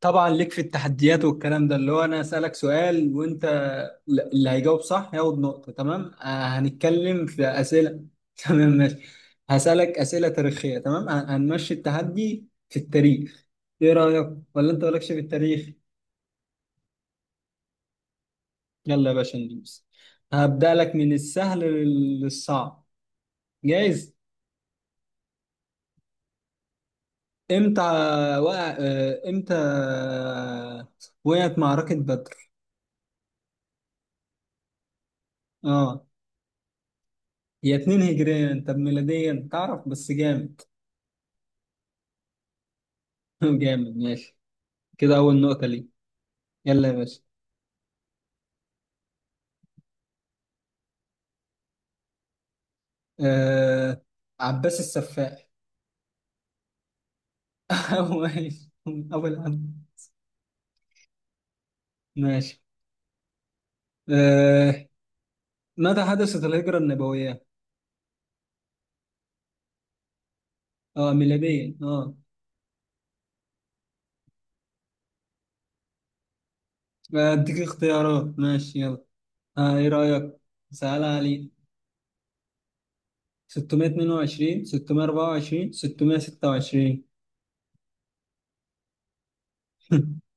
طبعا ليك في التحديات والكلام ده اللي هو انا اسالك سؤال وانت، اللي هيجاوب صح ياخد نقطه. تمام. آه، هنتكلم في اسئله. تمام، ماشي. هسالك اسئله تاريخيه، تمام. هنمشي التحدي في التاريخ. ايه رايك، ولا انت مالكش في التاريخ؟ يلا يا باشا، ندوس. هبدا لك من السهل للصعب. جايز؟ امتى امتى وقعت معركه بدر؟ اه، هي 2 هجريا. انت ميلاديا تعرف؟ بس جامد. جامد، ماشي. كده أول نقطة لي. يلا يا باشا. آه... عباس السفاح. أول. أول عبد. ماشي. آه... متى حدثت الهجرة النبوية؟ اه، ميلاديا. اه أديك اختيارات، ماشي. يلا، إيه رأيك؟ سهل علي. 622، 624، 626.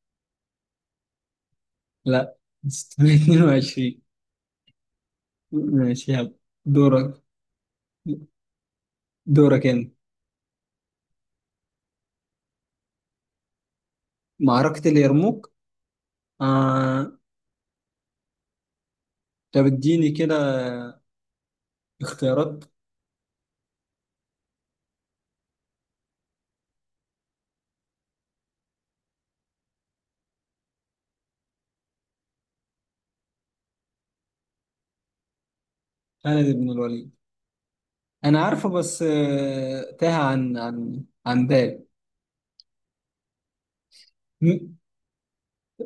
لا، 622. ماشي، يلا. دورك، دورك انت. معركة اليرموك. آه طب اديني كده اختيارات. خالد بن الوليد. انا عارفه بس، تاه عن بالي. م-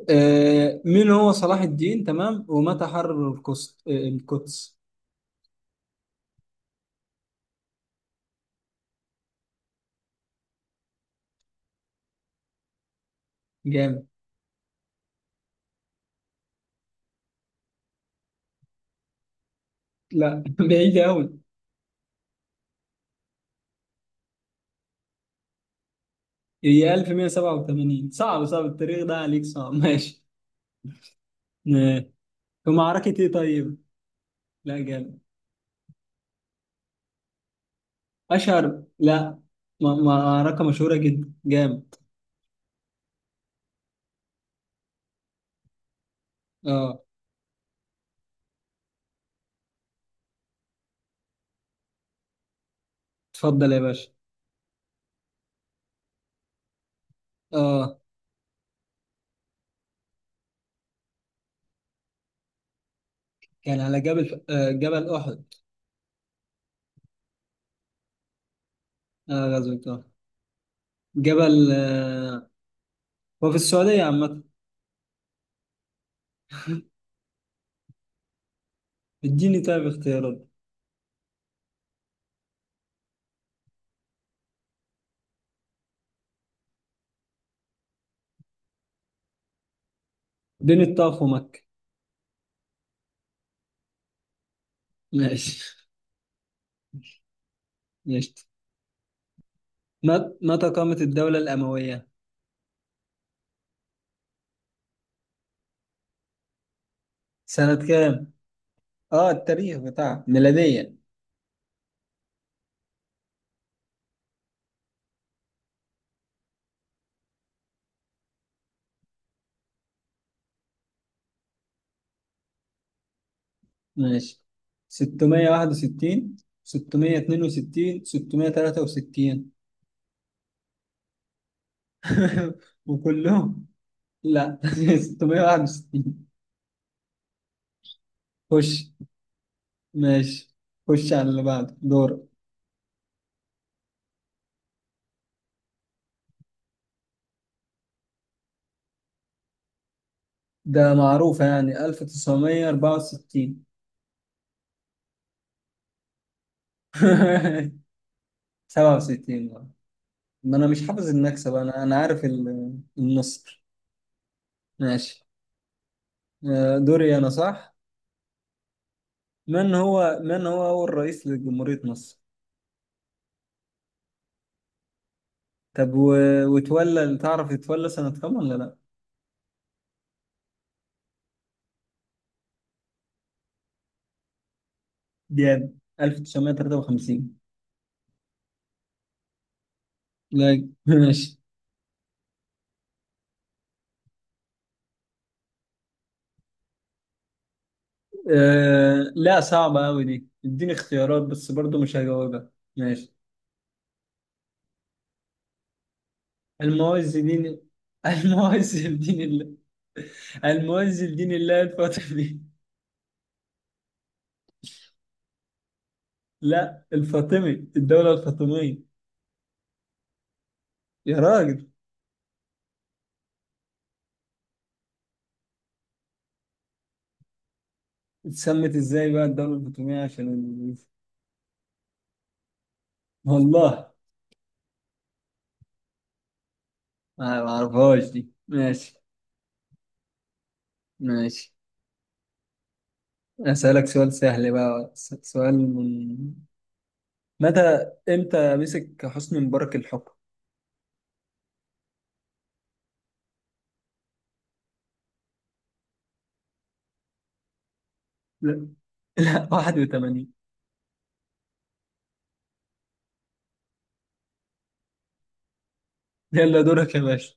مين هو صلاح الدين؟ تمام. ومتى حرر القدس؟ جامد. لا بعيد قوي. هي 1187. صعب، صعب التاريخ ده عليك. صعب ماشي. آه، في معركة ايه؟ طيب، لا جامد. اشهر، لا. معركة مشهورة جدا، جامد. اه، اتفضل يا باشا. اه، كان على جبل، جبل احد. اه، غزوة طه. جبل آه، هو في السعودية عامة. اديني طيب اختيارات. بين الطائف ومكة. ماشي، ماشي. متى قامت الدولة الأموية؟ سنة كام؟ اه، التاريخ بتاعها ميلاديا، ماشي. 661، 662، 663. وكلهم. لا 661. خش، ماشي. خش على اللي بعده دور. ده معروفة، يعني 1964. 67 بقى. ما انا مش حافظ النكسة بقى. انا عارف النصر. ماشي. دوري انا، صح. من هو اول رئيس لجمهورية مصر؟ طب وتولى، تعرف يتولى سنة كام ولا لا؟ جاب 1953. لا ماشي. لا، صعبة قوي دي. اديني اختيارات بس برضو مش هجاوبها. ماشي. المعز دين المعز دين الله. الفاطمي. لا، الفاطمي. الدولة الفاطمية. يا راجل، اتسمت ازاي بقى الدولة الفاطمية؟ عشان الإنجليز. والله ما اعرفهاش دي. ماشي. ماشي، اسألك سؤال سهل بقى. سؤال. من متى امتى مسك حسني مبارك الحكم؟ لا، لا 81. يلا دورك يا باشا.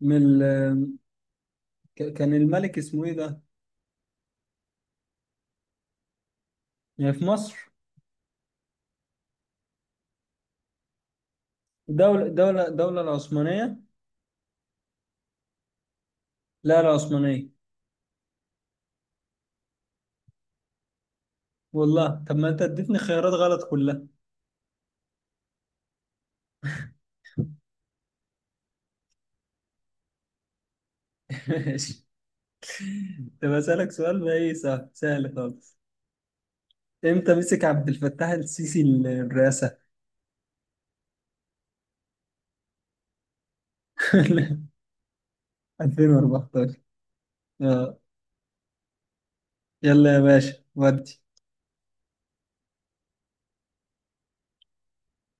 من ال... كان الملك اسمه ايه ده؟ يعني في مصر. دولة العثمانية. لا، العثمانية. والله. طب ما انت اديتني خيارات غلط كلها. ماشي. طب أسألك سؤال بقى، إيه؟ سهل، سهل خالص. إمتى مسك عبد الفتاح السيسي الرئاسة؟ 2014. آه. يلا يا باشا، ودي.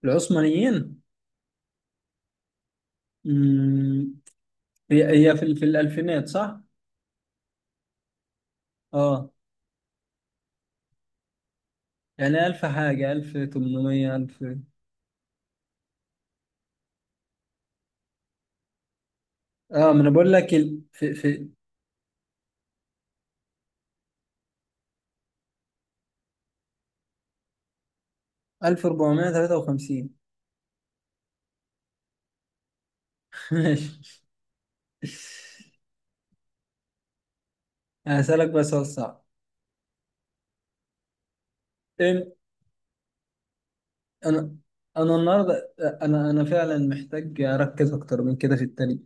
العثمانيين. مم، هي في الألفينات، صح؟ آه، يعني ألف حاجة، ألف تمنمية، ألف. آه، ما أنا بقول لك في 1453. ماشي. هسألك بس سؤال صعب. إم- انا انا النهارده، انا فعلا محتاج اركز اكتر من كده في التاريخ.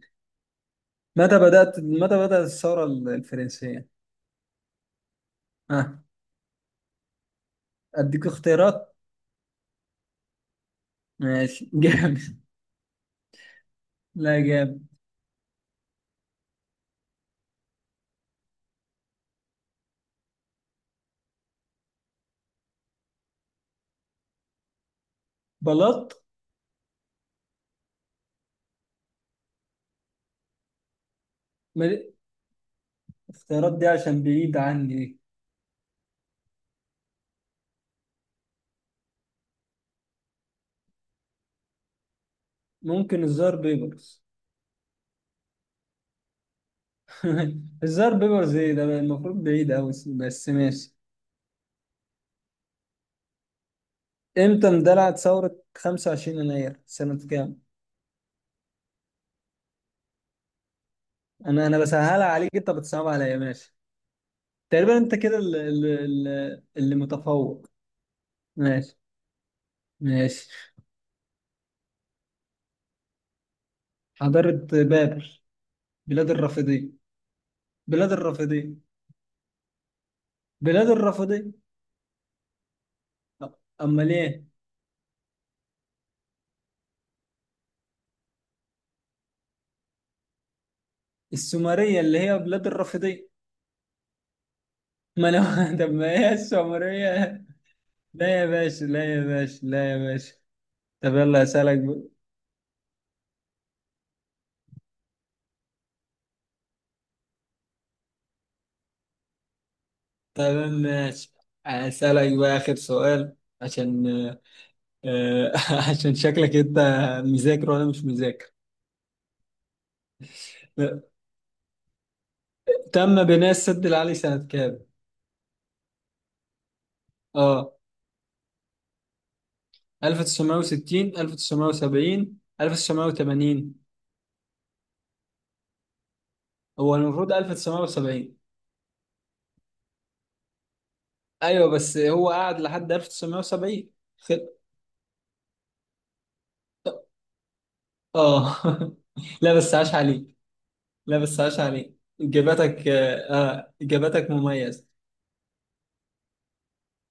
متى بدات، الثوره الفرنسيه. اه، اديك اختيارات. ماشي جامد. لا، جامد. بلاط. ما- الاختيارات دي عشان بعيد عني. ممكن الزار بيبرز. الزار بيبرز ايه ده؟ المفروض بعيد قوي، بس ماشي. امتى اندلعت ثوره 25 يناير سنه كام؟ انا بسهلها عليك، انت بتصعب عليا، ماشي. تقريبا انت كده اللي متفوق. ماشي، ماشي. حضارة بابل. بلاد الرافدين. بلاد الرافدين. بلاد الرافدين. أ- امال ايه؟ السومرية اللي هي بلاد الرافدين. ما انا طب ما هي السومرية. لا يا باشا، لا يا باشا، لا يا باشا. طب يلا اسالك بقى. تمام، ماشي. اسالك بقى اخر سؤال، عشان آه، عشان شكلك انت مذاكر وانا مش مذاكر. تم بناء السد العالي سنة كام؟ اه، 1960، 1970، 1980. هو المفروض 1970. ايوه، بس هو قعد لحد 1970. خل... اه لا بس عاش عليك. لا بس عاش عليك. اجاباتك، اجاباتك مميزة.